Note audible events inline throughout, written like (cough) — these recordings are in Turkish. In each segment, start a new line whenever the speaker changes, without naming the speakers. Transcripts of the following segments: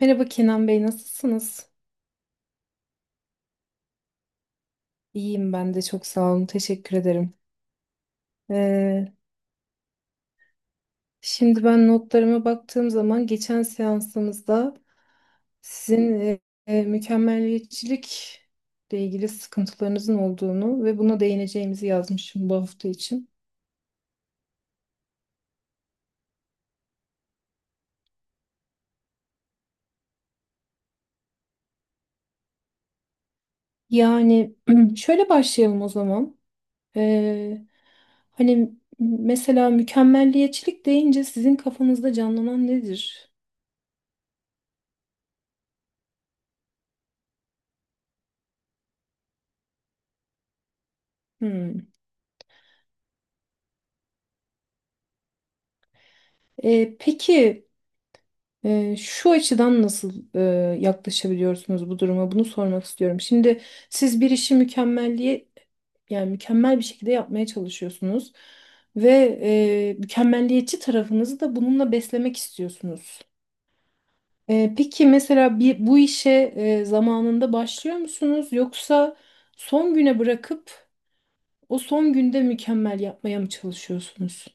Merhaba Kenan Bey, nasılsınız? İyiyim ben de çok sağ olun, teşekkür ederim. Ee, Şimdi ben notlarıma baktığım zaman geçen seansımızda sizin mükemmeliyetçilikle ilgili sıkıntılarınızın olduğunu ve buna değineceğimizi yazmışım bu hafta için. Yani (clears throat) şöyle başlayalım o zaman. Ee, Hani mesela mükemmelliyetçilik deyince sizin kafanızda canlanan nedir? Hmm. Peki. Şu açıdan nasıl yaklaşabiliyorsunuz bu duruma? Bunu sormak istiyorum. Şimdi siz bir işi mükemmelliğe yani mükemmel bir şekilde yapmaya çalışıyorsunuz ve mükemmelliyetçi tarafınızı da bununla beslemek istiyorsunuz. Peki mesela bir, bu işe zamanında başlıyor musunuz yoksa son güne bırakıp o son günde mükemmel yapmaya mı çalışıyorsunuz?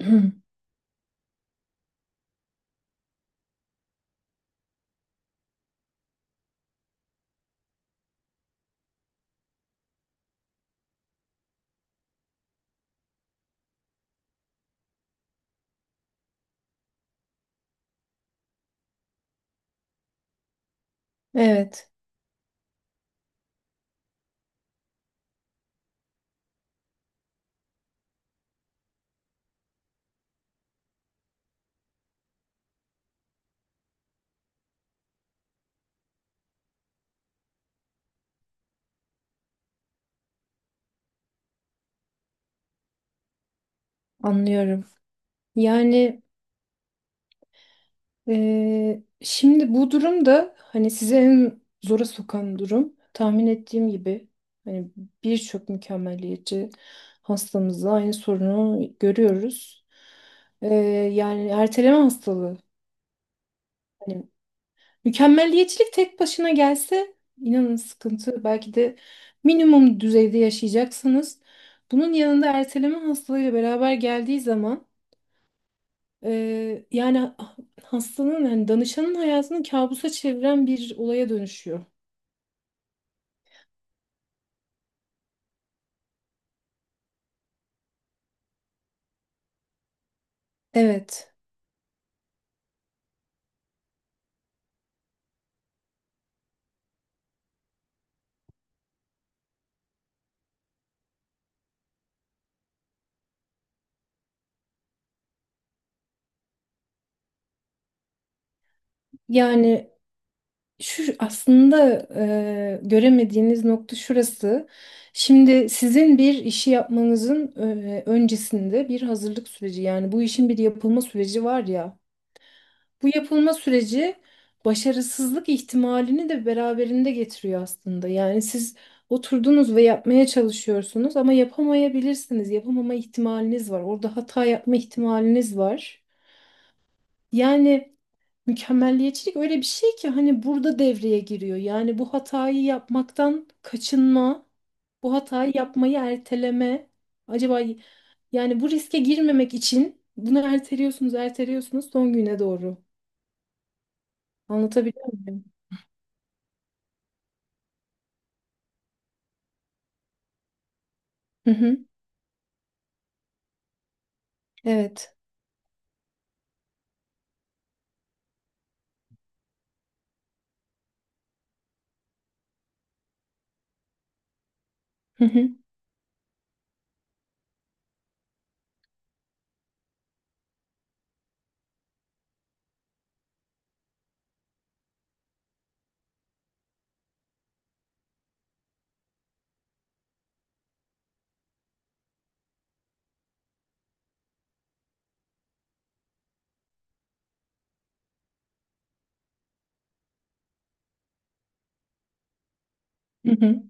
(clears throat) Evet, anlıyorum. Yani. Şimdi bu durum da hani sizi en zora sokan durum. Tahmin ettiğim gibi hani birçok mükemmeliyetçi hastamızda aynı sorunu görüyoruz. Ee, Yani erteleme hastalığı. Hani mükemmeliyetçilik tek başına gelse inanın sıkıntı. Belki de minimum düzeyde yaşayacaksınız. Bunun yanında erteleme hastalığıyla beraber geldiği zaman yani hastanın yani danışanın hayatını kabusa çeviren bir olaya dönüşüyor. Evet. Yani şu aslında göremediğiniz nokta şurası. Şimdi sizin bir işi yapmanızın öncesinde bir hazırlık süreci yani bu işin bir yapılma süreci var ya. Bu yapılma süreci başarısızlık ihtimalini de beraberinde getiriyor aslında. Yani siz oturdunuz ve yapmaya çalışıyorsunuz ama yapamayabilirsiniz. Yapamama ihtimaliniz var. Orada hata yapma ihtimaliniz var. Yani mükemmelliyetçilik öyle bir şey ki hani burada devreye giriyor. Yani bu hatayı yapmaktan kaçınma, bu hatayı yapmayı erteleme. Acaba yani bu riske girmemek için bunu erteliyorsunuz, erteliyorsunuz son güne doğru. Anlatabiliyor muyum? Hı hı. Evet. Hı hı. Hı hı.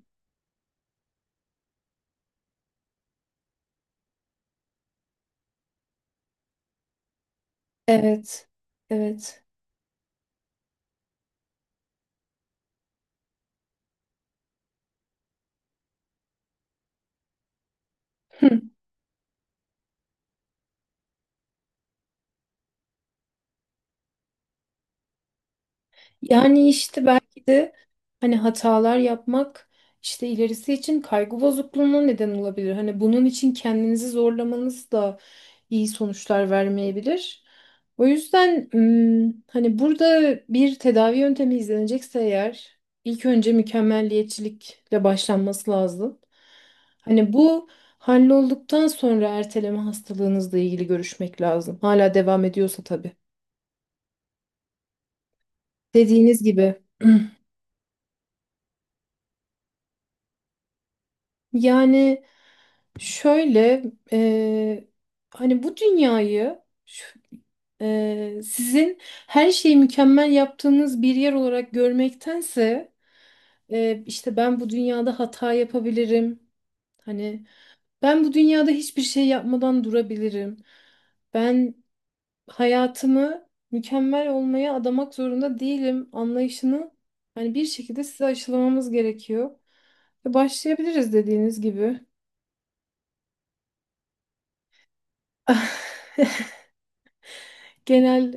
Evet. Evet. Yani işte belki de hani hatalar yapmak işte ilerisi için kaygı bozukluğuna neden olabilir. Hani bunun için kendinizi zorlamanız da iyi sonuçlar vermeyebilir. O yüzden hani burada bir tedavi yöntemi izlenecekse eğer ilk önce mükemmelliyetçilikle başlanması lazım. Hani bu hallolduktan sonra erteleme hastalığınızla ilgili görüşmek lazım. Hala devam ediyorsa tabii. Dediğiniz gibi. Yani şöyle e, hani bu dünyayı şu- sizin her şeyi mükemmel yaptığınız bir yer olarak görmektense işte ben bu dünyada hata yapabilirim. Hani ben bu dünyada hiçbir şey yapmadan durabilirim. Ben hayatımı mükemmel olmaya adamak zorunda değilim anlayışını hani bir şekilde size aşılamamız gerekiyor. Ve başlayabiliriz dediğiniz gibi. Genel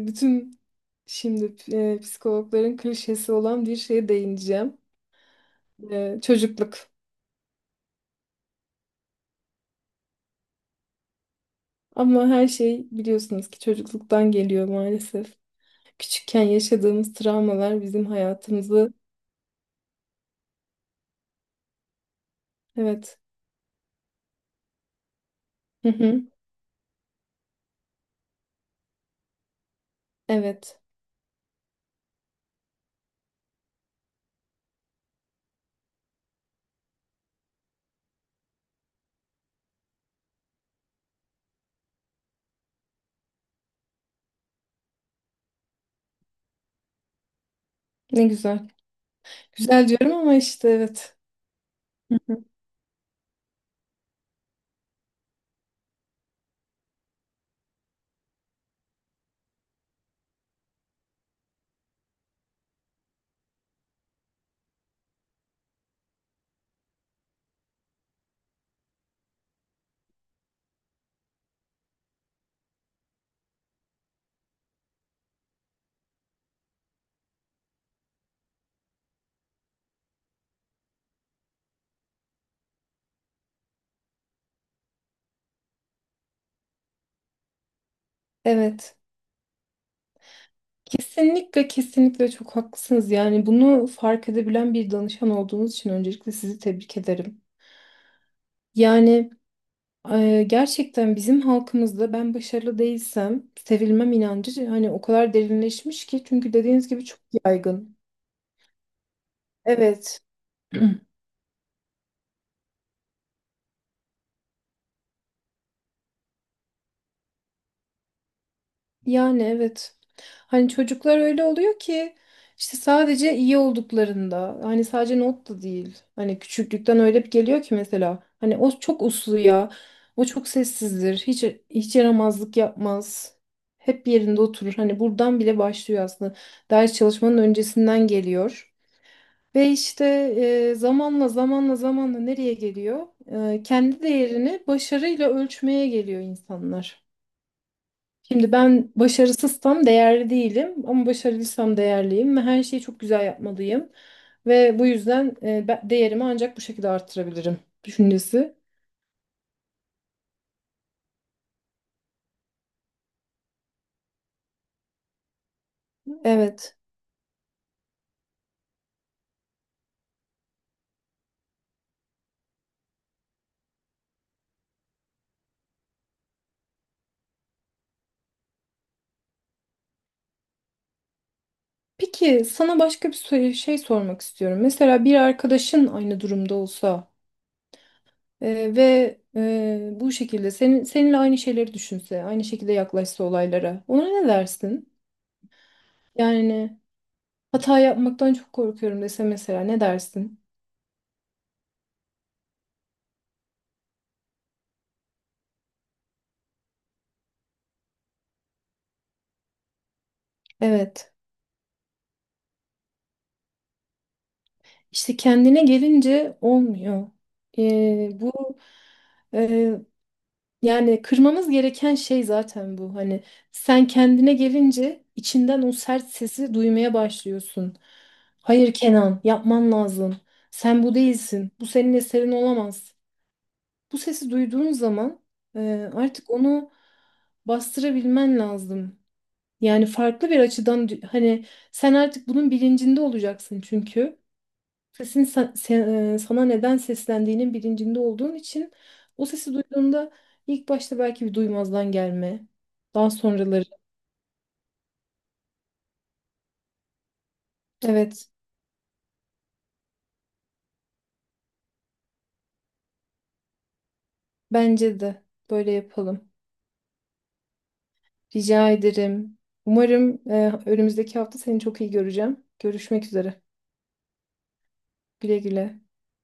bütün şimdi psikologların klişesi olan bir şeye değineceğim. Çocukluk. Ama her şey biliyorsunuz ki çocukluktan geliyor maalesef. Küçükken yaşadığımız travmalar bizim hayatımızı evet. Hı hı. Evet. Ne güzel. Güzel diyorum ama işte evet. Evet. Kesinlikle kesinlikle çok haklısınız. Yani bunu fark edebilen bir danışan olduğunuz için öncelikle sizi tebrik ederim. Yani gerçekten bizim halkımızda ben başarılı değilsem sevilmem inancı hani o kadar derinleşmiş ki çünkü dediğiniz gibi çok yaygın. Evet. (clears throat) Yani evet. Hani çocuklar öyle oluyor ki işte sadece iyi olduklarında hani sadece not da değil. Hani küçüklükten öyle bir geliyor ki mesela hani o çok uslu ya. O çok sessizdir. Hiç yaramazlık yapmaz. Hep yerinde oturur. Hani buradan bile başlıyor aslında. Ders çalışmanın öncesinden geliyor. Ve işte zamanla zamanla zamanla nereye geliyor? Kendi değerini başarıyla ölçmeye geliyor insanlar. Şimdi ben başarısızsam değerli değilim ama başarılıysam değerliyim ve her şeyi çok güzel yapmalıyım. Ve bu yüzden ben değerimi ancak bu şekilde arttırabilirim düşüncesi. Evet. Peki sana başka bir şey sormak istiyorum. Mesela bir arkadaşın aynı durumda olsa ve bu şekilde senin seninle aynı şeyleri düşünse, aynı şekilde yaklaşsa olaylara. Ona ne dersin? Yani hata yapmaktan çok korkuyorum dese mesela ne dersin? Evet. İşte kendine gelince olmuyor. Bu e, yani kırmamız gereken şey zaten bu. Hani sen kendine gelince içinden o sert sesi duymaya başlıyorsun. Hayır Kenan, yapman lazım. Sen bu değilsin. Bu senin eserin olamaz. Bu sesi duyduğun zaman artık onu bastırabilmen lazım. Yani farklı bir açıdan hani sen artık bunun bilincinde olacaksın çünkü sesin sa- se- e, sana neden seslendiğinin bilincinde olduğun için o sesi duyduğunda ilk başta belki bir duymazdan gelme. Daha sonraları. Evet, bence de böyle yapalım. Rica ederim. Umarım önümüzdeki hafta seni çok iyi göreceğim. Görüşmek üzere. Güle güle.